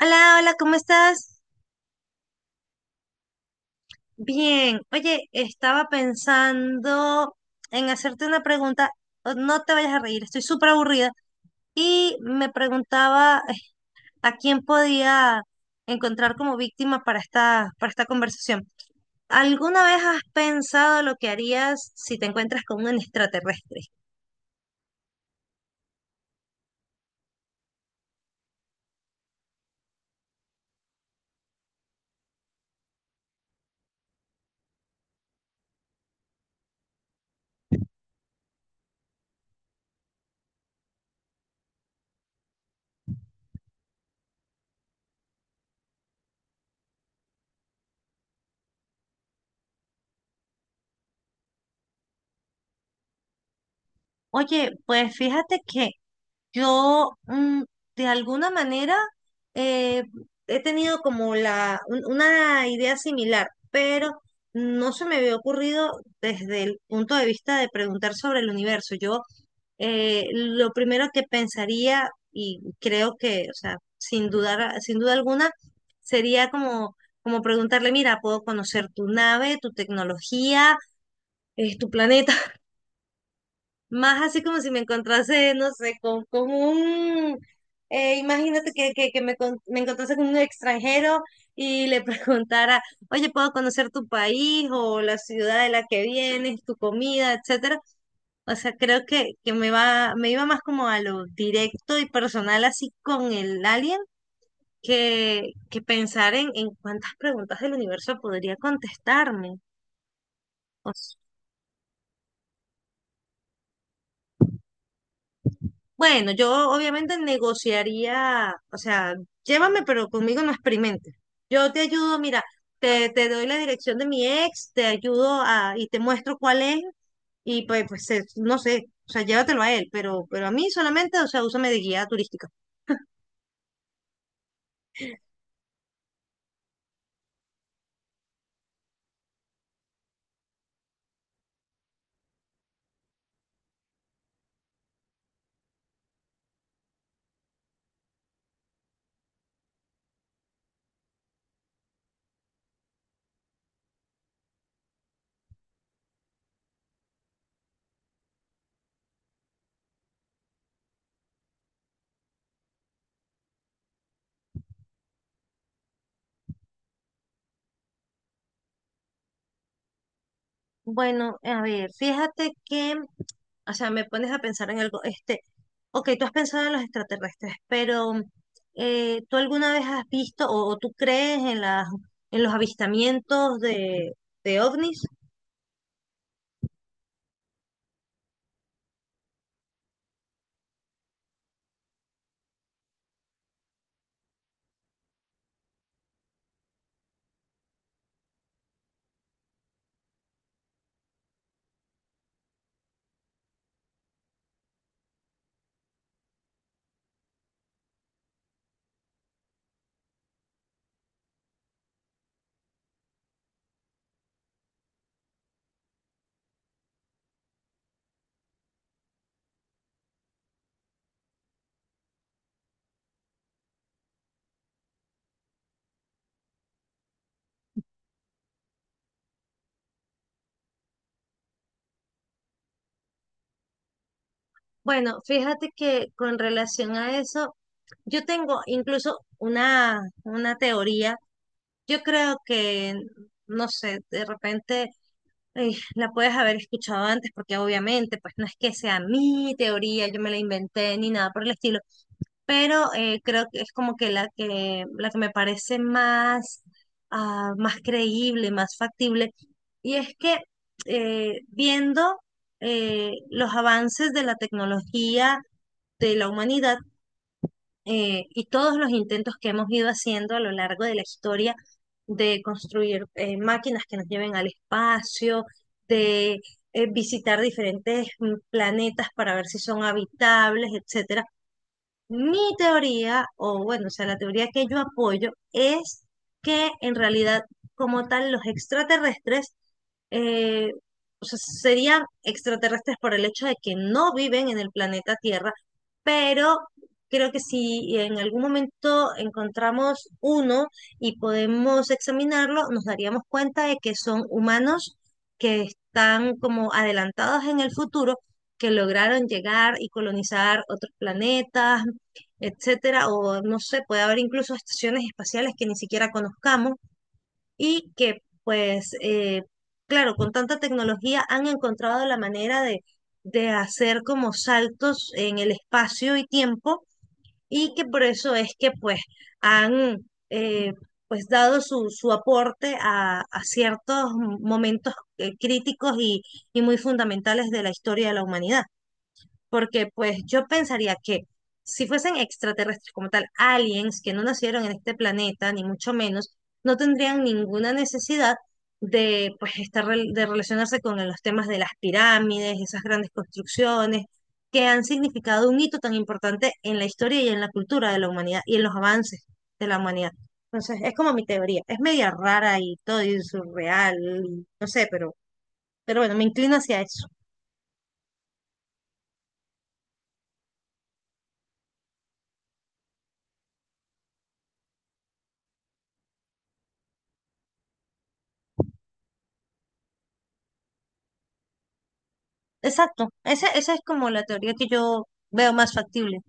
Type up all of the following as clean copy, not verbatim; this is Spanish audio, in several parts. Hola, hola, ¿cómo estás? Bien. Oye, estaba pensando en hacerte una pregunta. No te vayas a reír, estoy súper aburrida. Y me preguntaba a quién podía encontrar como víctima para esta conversación. ¿Alguna vez has pensado lo que harías si te encuentras con un extraterrestre? Oye, pues fíjate que yo, de alguna manera, eh, he tenido como una idea similar, pero no se me había ocurrido desde el punto de vista de preguntar sobre el universo. Yo, lo primero que pensaría, y creo que, o sea, sin dudar, sin duda alguna, sería como preguntarle, mira, puedo conocer tu nave, tu tecnología, tu planeta. Más así como si me encontrase, no sé, con un, imagínate que me encontrase con un extranjero y le preguntara, oye, ¿puedo conocer tu país o la ciudad de la que vienes, tu comida, etcétera? O sea, creo que, me iba más como a lo directo y personal así con el alien que pensar en cuántas preguntas del universo podría contestarme. Bueno, yo obviamente negociaría, o sea, llévame, pero conmigo no experimentes. Yo te ayudo, mira, te doy la dirección de mi ex, te ayudo y te muestro cuál es, y pues, no sé, o sea, llévatelo a él, pero a mí solamente, o sea, úsame de guía turística. Bueno, a ver, fíjate que o sea, me pones a pensar en algo, ok, tú has pensado en los extraterrestres, pero ¿tú alguna vez has visto o tú crees en los avistamientos de ovnis? Bueno, fíjate que con relación a eso, yo tengo incluso una teoría. Yo creo que, no sé, de repente la puedes haber escuchado antes, porque obviamente, pues no es que sea mi teoría, yo me la inventé ni nada por el estilo, pero creo que es como que la que me parece más, más creíble, más factible. Y es que viendo los avances de la tecnología de la humanidad, y todos los intentos que hemos ido haciendo a lo largo de la historia de construir máquinas que nos lleven al espacio, de visitar diferentes planetas para ver si son habitables, etcétera. Mi teoría, o bueno, o sea, la teoría que yo apoyo es que, en realidad, como tal, los extraterrestres, eh, o sea, serían extraterrestres por el hecho de que no viven en el planeta Tierra, pero creo que si en algún momento encontramos uno y podemos examinarlo, nos daríamos cuenta de que son humanos que están como adelantados en el futuro, que lograron llegar y colonizar otros planetas, etcétera, o no sé, puede haber incluso estaciones espaciales que ni siquiera conozcamos y que, pues, claro, con tanta tecnología han encontrado la manera de hacer como saltos en el espacio y tiempo, y que por eso es que pues han pues dado su aporte a ciertos momentos críticos y muy fundamentales de la historia de la humanidad, porque pues yo pensaría que si fuesen extraterrestres como tal, aliens que no nacieron en este planeta, ni mucho menos, no tendrían ninguna necesidad de, pues, estar de relacionarse con los temas de las pirámides, esas grandes construcciones que han significado un hito tan importante en la historia y en la cultura de la humanidad y en los avances de la humanidad. Entonces, es como mi teoría. Es media rara y todo y surreal, y no sé, pero, bueno, me inclino hacia eso. Exacto, esa es como la teoría que yo veo más factible.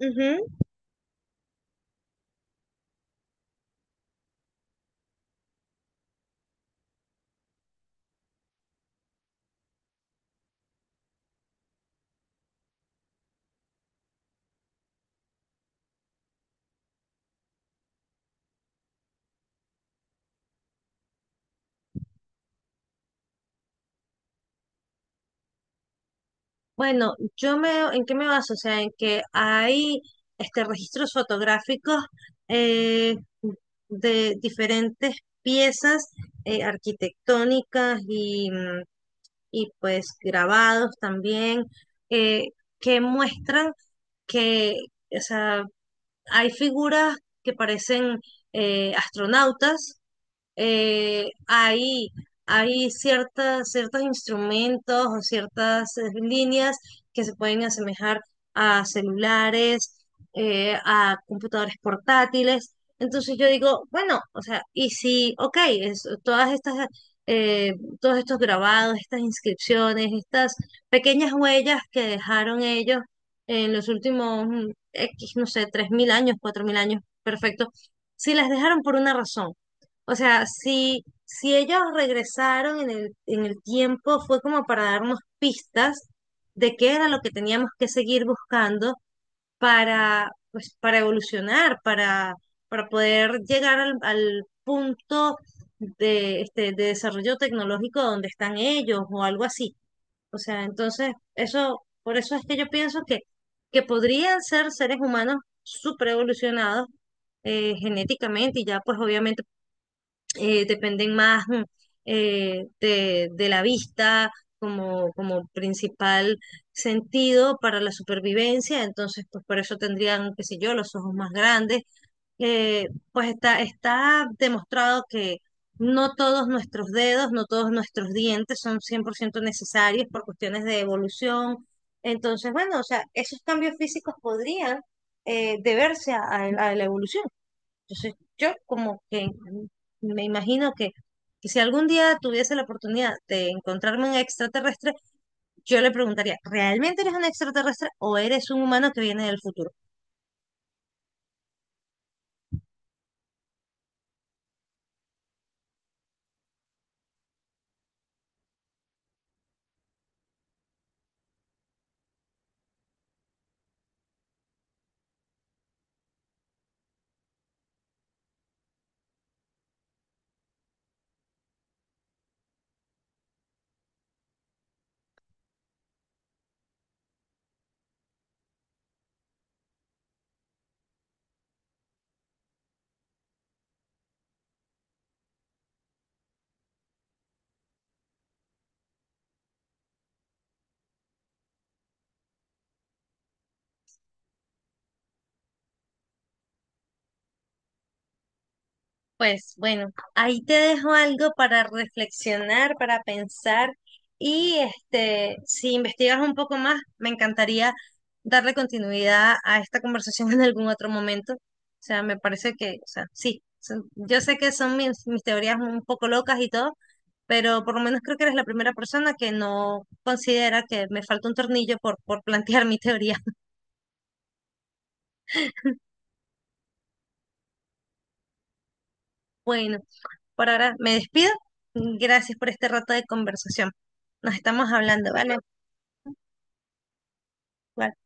Ujú. Bueno, ¿en qué me baso? O sea, en que hay registros fotográficos eh, de diferentes piezas arquitectónicas y pues grabados también eh, que muestran que, o sea, hay figuras que parecen astronautas, eh, hay, hay ciertos instrumentos o ciertas líneas que se pueden asemejar a celulares, a computadores portátiles. Entonces yo digo, bueno, o sea, y si, ok, eh, todos estos grabados, estas inscripciones, estas pequeñas huellas que dejaron ellos en los últimos X, no sé, 3000 años, 4000 años, perfecto, si las dejaron por una razón. O sea, si ellos regresaron en el tiempo, fue como para darnos pistas de qué era lo que teníamos que seguir buscando pues, para evolucionar, para poder llegar al punto de desarrollo tecnológico donde están ellos o algo así. O sea, entonces, eso, por eso es que yo pienso que podrían ser seres humanos super evolucionados, genéticamente, y ya pues obviamente dependen más, de la vista como principal sentido para la supervivencia, entonces pues por eso tendrían, qué sé yo, los ojos más grandes. Pues está demostrado que no todos nuestros dedos, no todos nuestros dientes son 100% necesarios por cuestiones de evolución. Entonces, bueno, o sea, esos cambios físicos podrían, deberse a la evolución. Entonces, yo como que me imagino que si algún día tuviese la oportunidad de encontrarme un extraterrestre, yo le preguntaría, ¿realmente eres un extraterrestre o eres un humano que viene del futuro? Pues bueno, ahí te dejo algo para reflexionar, para pensar, y si investigas un poco más, me encantaría darle continuidad a esta conversación en algún otro momento. O sea, me parece que, o sea, sí, yo sé que son mis teorías un poco locas y todo, pero por lo menos creo que eres la primera persona que no considera que me falta un tornillo por plantear mi teoría. Bueno, por ahora me despido. Gracias por este rato de conversación. Nos estamos hablando, ¿vale? Bye.